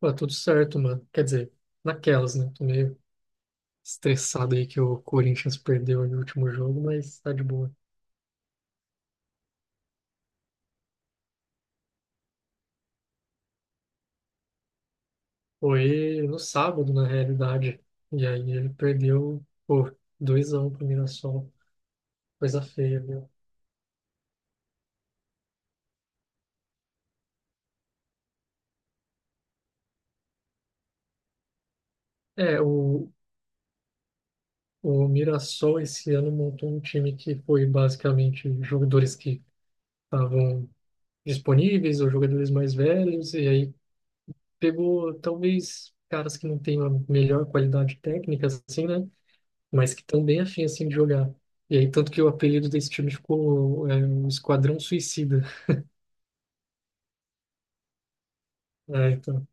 Pô, tudo certo, mano. Quer dizer, naquelas, né? Tô meio estressado aí que o Corinthians perdeu aí no último jogo, mas tá de boa. Foi no sábado, na realidade. E aí ele perdeu, pô, 2x1 pro Mirassol. Coisa feia, viu? É, o Mirassol esse ano montou um time que foi basicamente jogadores que estavam disponíveis ou jogadores mais velhos, e aí pegou talvez caras que não têm a melhor qualidade técnica, assim, né? Mas que estão bem afim assim de jogar. E aí, tanto que o apelido desse time ficou o Esquadrão Suicida. É, então,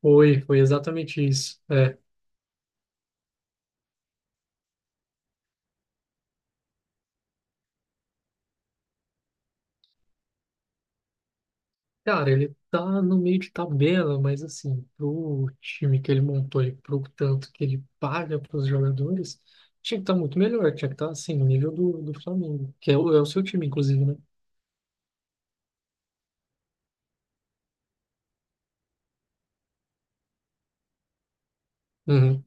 foi exatamente isso. É. Cara, ele tá no meio de tabela, mas assim, pro time que ele montou e pro tanto que ele paga pros jogadores, tinha que estar muito melhor, tinha que estar assim, no nível do Flamengo, que é o seu time, inclusive, né? Uhum,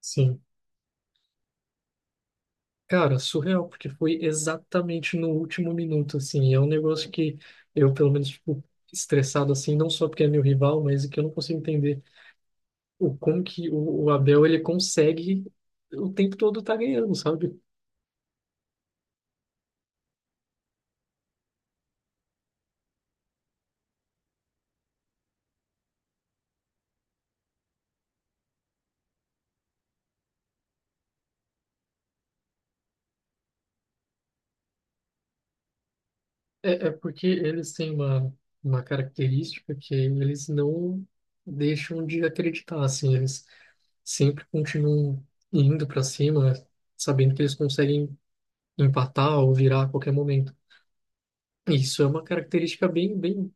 sim. Cara, surreal, porque foi exatamente no último minuto, assim. É um negócio que eu, pelo menos, fico estressado, assim, não só porque é meu rival, mas que eu não consigo entender o como que o Abel, ele consegue o tempo todo tá ganhando, sabe? É, porque eles têm uma característica que eles não deixam de acreditar, assim. Eles sempre continuam indo para cima, sabendo que eles conseguem empatar ou virar a qualquer momento. Isso é uma característica bem, bem.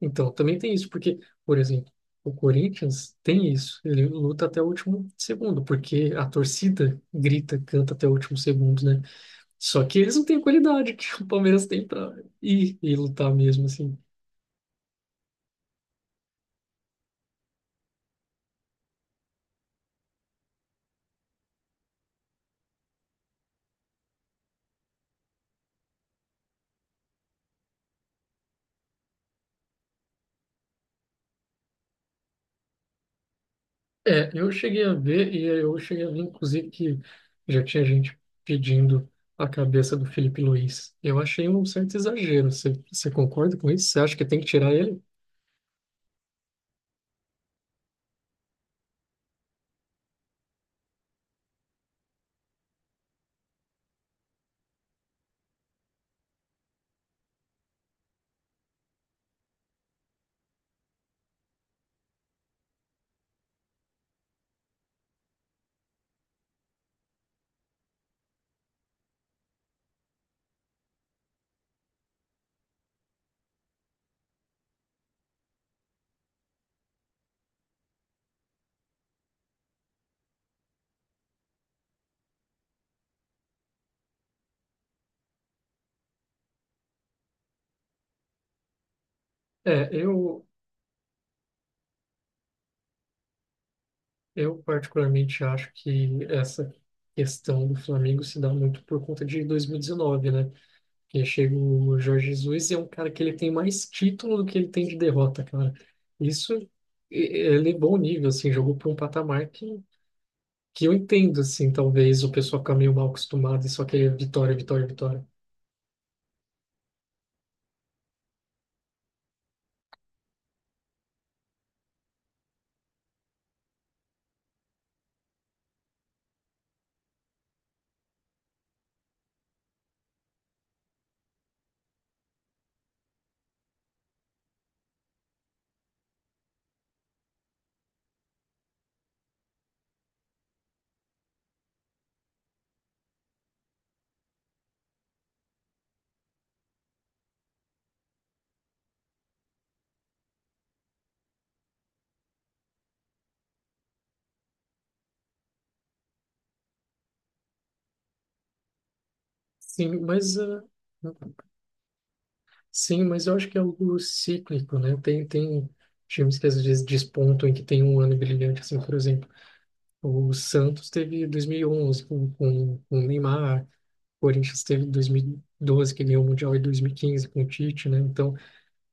Então, também tem isso, porque, por exemplo, o Corinthians tem isso, ele luta até o último segundo, porque a torcida grita, canta até o último segundo, né? Só que eles não têm a qualidade que o Palmeiras tem para ir e lutar mesmo, assim. É, eu cheguei a ver, e eu cheguei a ver, inclusive, que já tinha gente pedindo a cabeça do Felipe Luiz. Eu achei um certo exagero. Você concorda com isso? Você acha que tem que tirar ele? É, Eu particularmente acho que essa questão do Flamengo se dá muito por conta de 2019, né? Porque chega o Jorge Jesus e é um cara que ele tem mais título do que ele tem de derrota, cara. Isso elevou o nível, assim, jogou para um patamar que eu entendo, assim, talvez o pessoal fica meio mal acostumado e só quer vitória, vitória, vitória. Sim, mas ah, Sim, mas eu acho que é algo cíclico, né? Tem times que às vezes despontam em que tem um ano brilhante, assim, por exemplo. O Santos teve 2011 com o Neymar, o Corinthians teve 2012, que ganhou o Mundial, e 2015 com o Tite, né? Então,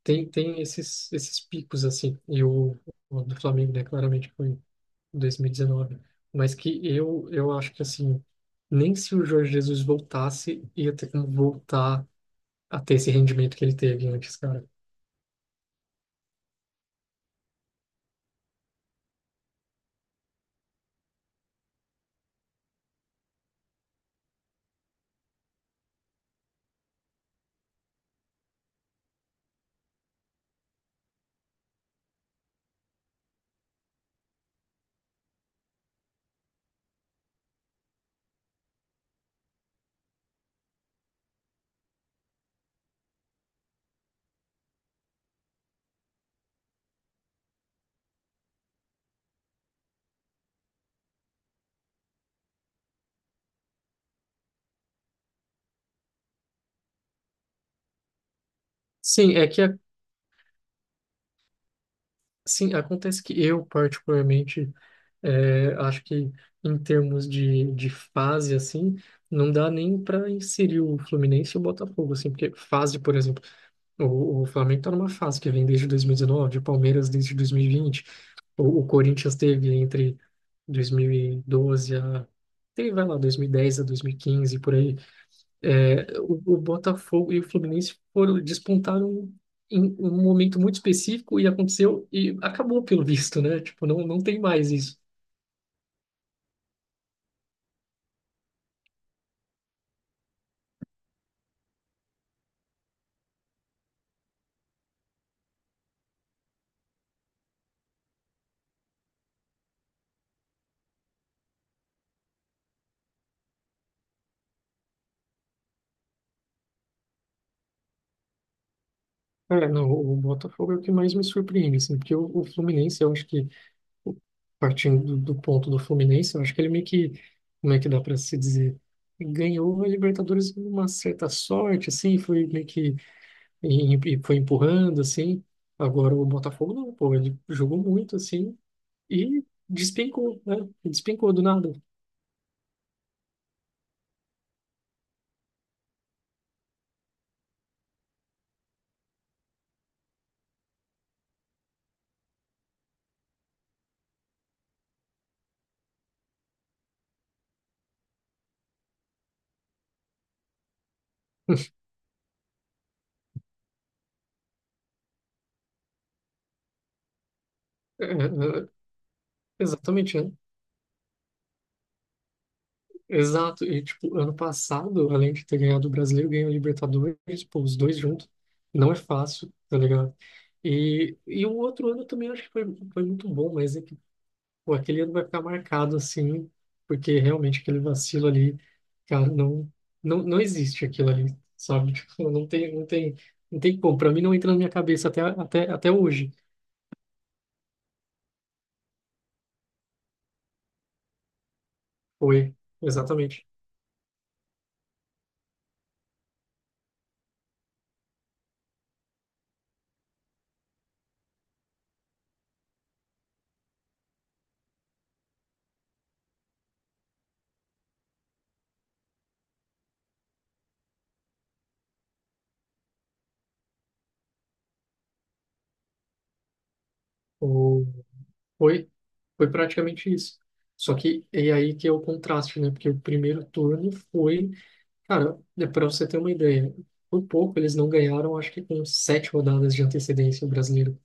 tem esses picos, assim. E o do Flamengo, né? Claramente foi 2019. Mas que eu acho que, assim, nem se o Jorge Jesus voltasse, ia ter como voltar a ter esse rendimento que ele teve antes, cara. Sim, é que, sim, acontece que eu, particularmente, acho que em termos de fase, assim, não dá nem para inserir o Fluminense e o Botafogo, assim, porque fase, por exemplo, o Flamengo tá numa fase que vem desde 2019, o Palmeiras desde 2020, o Corinthians teve entre 2012 a, teve, vai lá, 2010 a 2015, por aí. É, o Botafogo e o Fluminense foram, despontaram em um momento muito específico e aconteceu e acabou pelo visto, né? Tipo, não, não tem mais isso. É, não, o Botafogo é o que mais me surpreende, assim, porque o Fluminense, eu acho que, o- partindo do ponto do Fluminense, eu acho que ele meio que, como é que dá para se dizer, ganhou a Libertadores com uma certa sorte, assim, foi meio que, foi empurrando, assim, agora o Botafogo não, pô, ele jogou muito, assim, e despencou, né, despencou do nada. É, exatamente, né? Exato, e tipo, ano passado, além de ter ganhado o Brasileiro, ganhou a Libertadores, pô, os dois juntos, não é fácil, tá ligado? E, o outro ano também acho que foi muito bom, mas é que, pô, aquele ano vai ficar marcado assim, porque realmente aquele vacilo ali, cara, não, não, não existe aquilo ali, sabe? Tipo, não tem, não tem, não tem como, pra mim não entra na minha cabeça até, até, até hoje. Foi, exatamente. Foi, foi praticamente isso. Só que é aí que é o contraste, né? Porque o primeiro turno foi, cara, é para você ter uma ideia, por pouco eles não ganharam, acho que com sete rodadas de antecedência o brasileiro.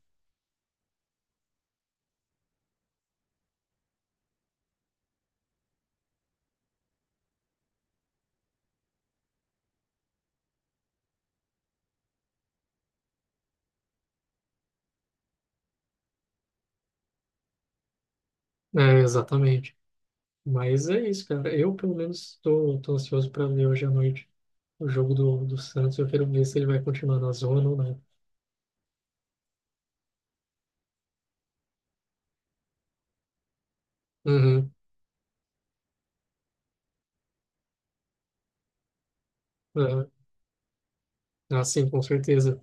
É, exatamente. Mas é isso, cara. Eu, pelo menos, tô ansioso para ver hoje à noite o jogo do Santos. Eu quero ver se ele vai continuar na zona ou não. Uhum. É, sim, com certeza.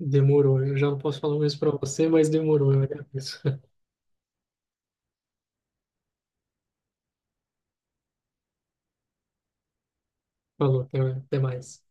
Demorou. Eu já não posso falar o mesmo para você, mas demorou. Eu agradeço. Falou, até mais.